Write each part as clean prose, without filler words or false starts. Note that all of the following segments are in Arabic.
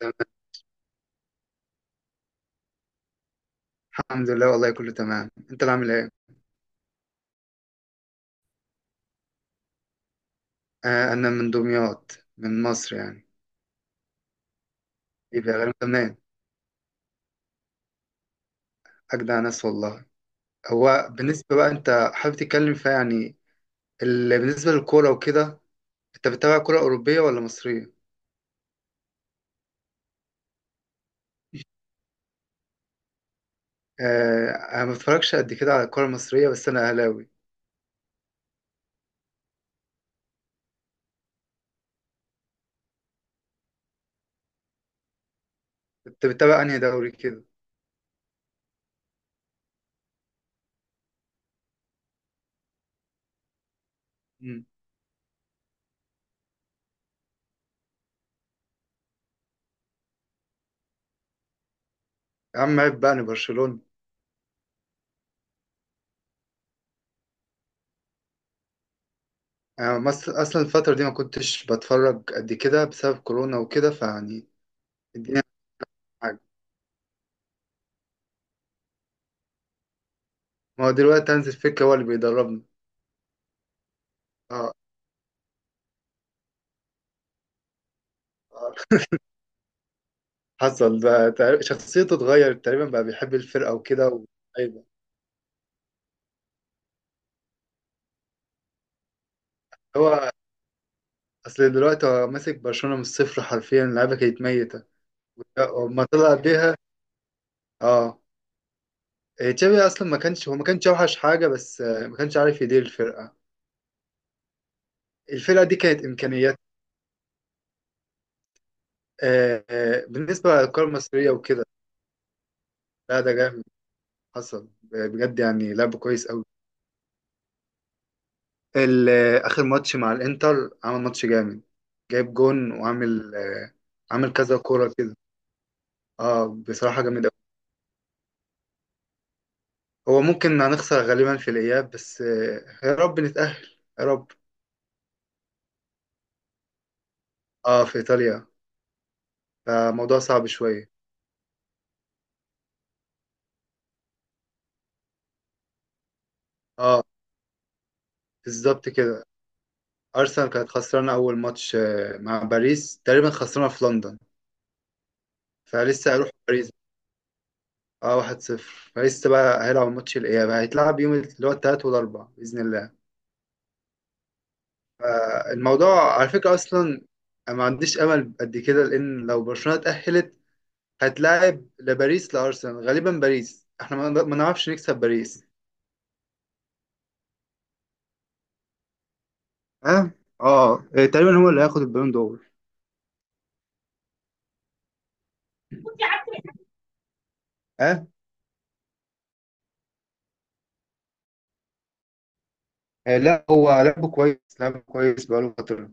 تمام. الحمد لله والله كله تمام، انت اللي عامل ايه؟ آه انا من دمياط، من مصر يعني. ايه بقى غير تمام. اجدع ناس والله. هو بالنسبه بقى انت حابب تتكلم فيها يعني بالنسبه للكوره وكده. انت بتتابع كوره اوروبيه ولا مصريه؟ آه انا ما بتفرجش قد كده على الكوره المصريه، بس انا اهلاوي. انت بتتابع انهي دوري كده؟ مم. يا عم عيب بقى، انا برشلونه. آه مصر اصلا الفتره دي ما كنتش بتفرج قد كده بسبب كورونا وكده، فيعني الدنيا حاجه. ما هو دلوقتي هانز فليك هو اللي بيدربنا. آه. حصل بقى شخصيته اتغيرت، تقريبا بقى بيحب الفرقة وكده و أيوة. هو أصل دلوقتي هو ماسك برشلونة من الصفر حرفيا، اللعيبة كانت ميتة وما طلع بيها. اه. إيه، تشافي أصلا ما كانش هو ما كانش أوحش حاجة، بس ما كانش عارف يدير الفرقة. الفرقة دي كانت إمكانيات. بالنسبة للكرة المصرية وكده، لا ده جامد. حصل بجد يعني، لعب كويس أوي. آخر ماتش مع الإنتر عمل ماتش جامد، جايب جون وعامل عامل كذا كورة كده. اه بصراحة جامد أوي. هو ممكن هنخسر غالبا في الإياب، بس يا رب نتأهل. يا رب. اه في إيطاليا، فموضوع صعب شوية. اه بالظبط كده. أرسنال كانت خسرانة أول ماتش مع باريس، تقريبا خسرانة في لندن، فلسه هيروح باريس. اه 1-0. فلسه بقى هيلعب ماتش الإياب، هيتلعب يوم اللي هو التلات والأربع بإذن الله. فالموضوع على فكرة أصلا أنا ما عنديش أمل قد كده، لأن لو برشلونة اتأهلت هتلاعب لباريس، لارسنال غالبا. باريس احنا ما نعرفش نكسب باريس. اه. اه تقريبا هو اللي هياخد البالون دور. اه إيه، لا هو لعبه كويس، لعبه كويس بقاله فترة.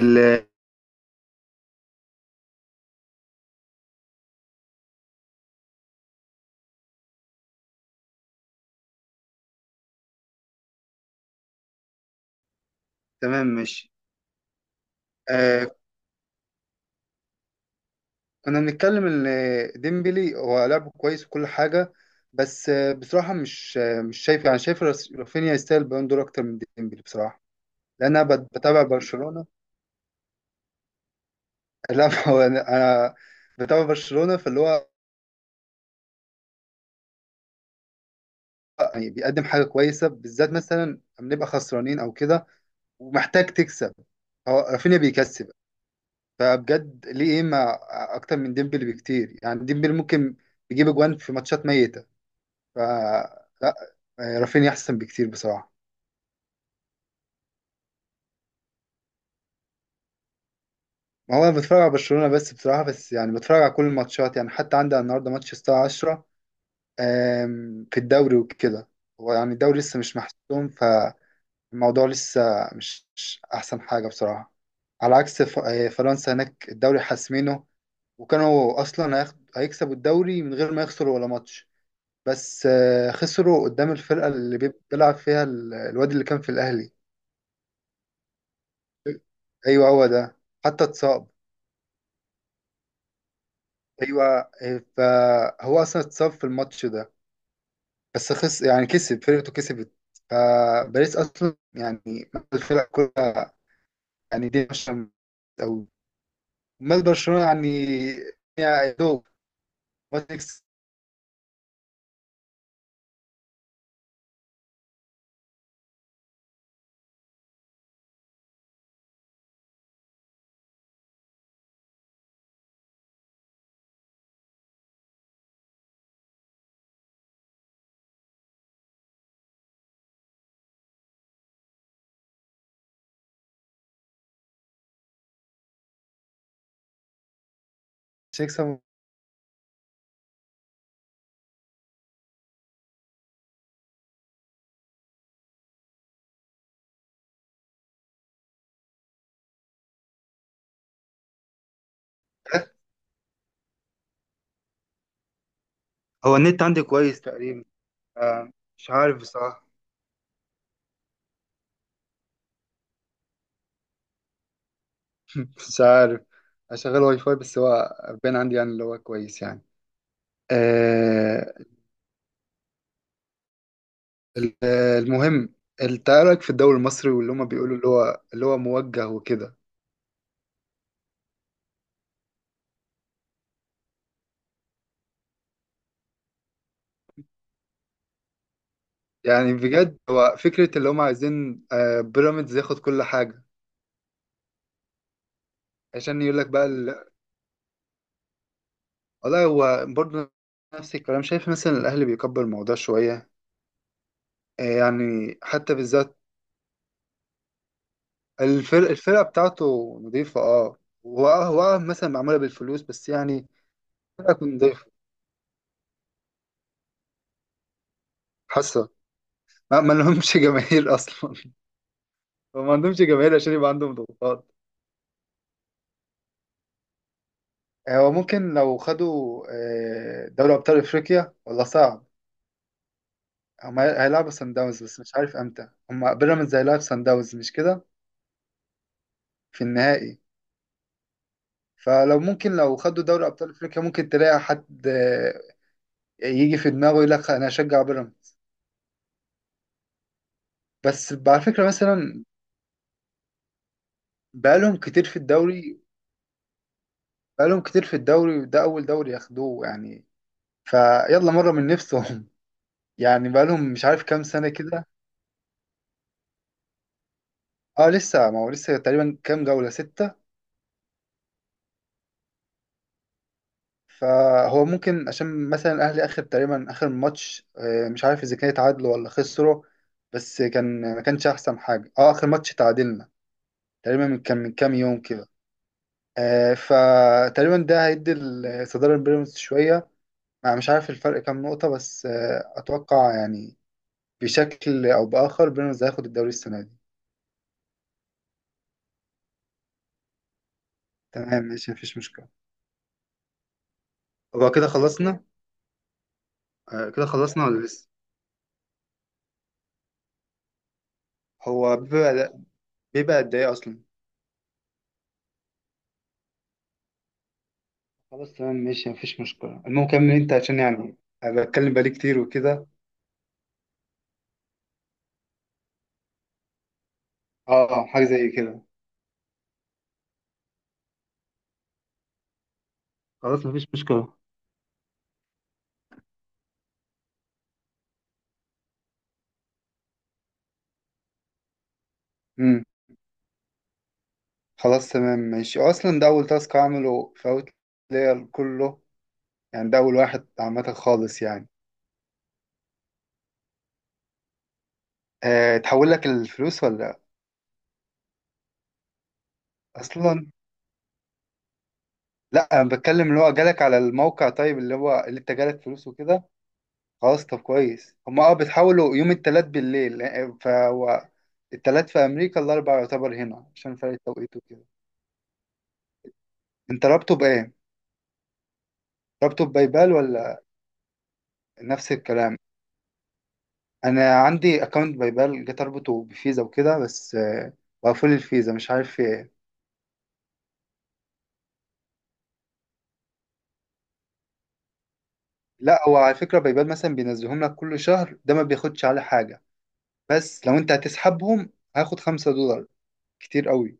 ال- تمام ماشي. آه كنا بنتكلم ان ديمبلي هو لعبه كويس وكل حاجة، بس بصراحة مش شايف، يعني رافينيا يستاهل البالون دور اكتر من ديمبلي بصراحة. لان انا بتابع برشلونة. لا هو انا، أنا بتابع برشلونة، فاللي هو يعني بيقدم حاجة كويسة، بالذات مثلا لما نبقى خسرانين أو كده ومحتاج تكسب، هو رافينيا بيكسب. فبجد ليه إيه ما، أكتر من ديمبلي بكتير، يعني ديمبلي ممكن يجيب أجوان في ماتشات ميتة. فلا، رافينيا أحسن بكتير بصراحة. ما هو أنا بتفرج على برشلونة بس بصراحة، بس يعني بتفرج على كل الماتشات، يعني حتى عندي النهاردة ماتش الساعة 10، في الدوري وكده. هو يعني الدوري لسه مش محسوم، الموضوع لسه مش أحسن حاجة بصراحة. على عكس فرنسا، هناك الدوري حاسمينه، وكانوا أصلا هيكسبوا الدوري من غير ما يخسروا ولا ماتش. بس خسروا قدام الفرقة اللي بيلعب فيها الواد اللي كان في الأهلي. أيوه هو ده. حتى اتصاب. أيوه فهو أصلا اتصاب في الماتش ده، بس خس يعني كسب، فرقته كسبت. فباريس أصلا يعني الفرق كلها، يعني دي مش أوي. امال برشلونه يعني، يعني يا دوب. بس مش هيكسب. هو النت عندي كويس تقريبا. آه، مش عارف بصراحة. مش عارف أشغل واي فاي، بس هو باين عندي يعني، اللي هو كويس يعني. آه. المهم، انت إيه رأيك في الدوري المصري واللي هما بيقولوا اللي هو موجه وكده؟ يعني بجد هو فكرة اللي هما عايزين بيراميدز ياخد كل حاجة عشان يقول لك بقى والله هو برضه نفس الكلام، شايف مثلا الأهلي بيكبر الموضوع شوية. يعني حتى بالذات الفرقة بتاعته نظيفة، اه. هو مثلا معمولة بالفلوس بس يعني، فرقة تكون نظيفة، حاسة ما لهمش جماهير أصلا. هو ما عندهمش جماهير عشان يبقى عندهم ضغوطات. هو ممكن لو خدوا دوري أبطال أفريقيا، والله صعب. هم هيلعبوا سان داونز، بس مش عارف امتى. هم بيراميدز هيلعب سان داونز مش كده، في النهائي؟ فلو ممكن لو خدوا دوري أبطال أفريقيا، ممكن تلاقي حد يجي في دماغه يقول لك أنا أشجع بيراميدز. بس على فكرة مثلا بقالهم كتير في الدوري، بقالهم كتير في الدوري، وده أول دوري ياخدوه يعني، فيلا مرة من نفسهم. يعني بقالهم مش عارف كام سنة كده. اه لسه، ما هو لسه تقريبا كام جولة، ستة. فهو ممكن عشان مثلا الأهلي آخر تقريبا آخر ماتش، مش عارف إذا كان اتعادلوا ولا خسروا، بس كان ما كانش أحسن حاجة. اه آخر ماتش تعادلنا تقريبا من كام يوم كده. فتقريبا ده هيدي الصدارة لبيراميدز شوية. أنا مش عارف الفرق كام نقطة، بس أتوقع يعني بشكل أو بآخر بيراميدز هياخد الدوري السنة دي. تمام ماشي، مفيش مشكلة. هو كده خلصنا؟ كده خلصنا ولا لسه؟ هو بيبقى، قد إيه أصلا؟ خلاص تمام ماشي مفيش مشكلة، المهم كمل أنت عشان يعني أنا بتكلم بقالي كتير وكده. أه آه، حاجة زي كده. خلاص مفيش مشكلة. امم. خلاص تمام ماشي، أصلا ده أول تاسك أعمله في أوتلاير كله، يعني ده أول واحد عامة خالص يعني. أه تحول لك الفلوس ولا أصلا؟ لا انا بتكلم اللي هو جالك على الموقع، طيب اللي هو اللي انت جالك فلوس وكده. خلاص طب كويس، هما اه بتحاولوا يوم التلات بالليل فهو التلات في امريكا الاربع يعتبر هنا عشان فرق التوقيت وكده. انت رابطه بايه؟ رابطه ببايبال ولا؟ نفس الكلام. انا عندي اكونت بايبال، جيت اربطه بفيزا وكده، بس بقفل الفيزا مش عارف في ايه. لا هو على فكرة بايبال مثلا بينزلهم لك كل شهر، ده ما بياخدش على حاجة، بس لو انت هتسحبهم هاخد $5، كتير قوي.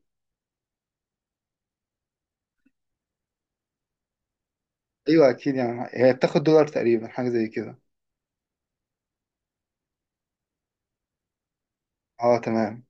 ايوه اكيد يعني، هي بتاخد دولار تقريبا، حاجه زي كده. اه تمام.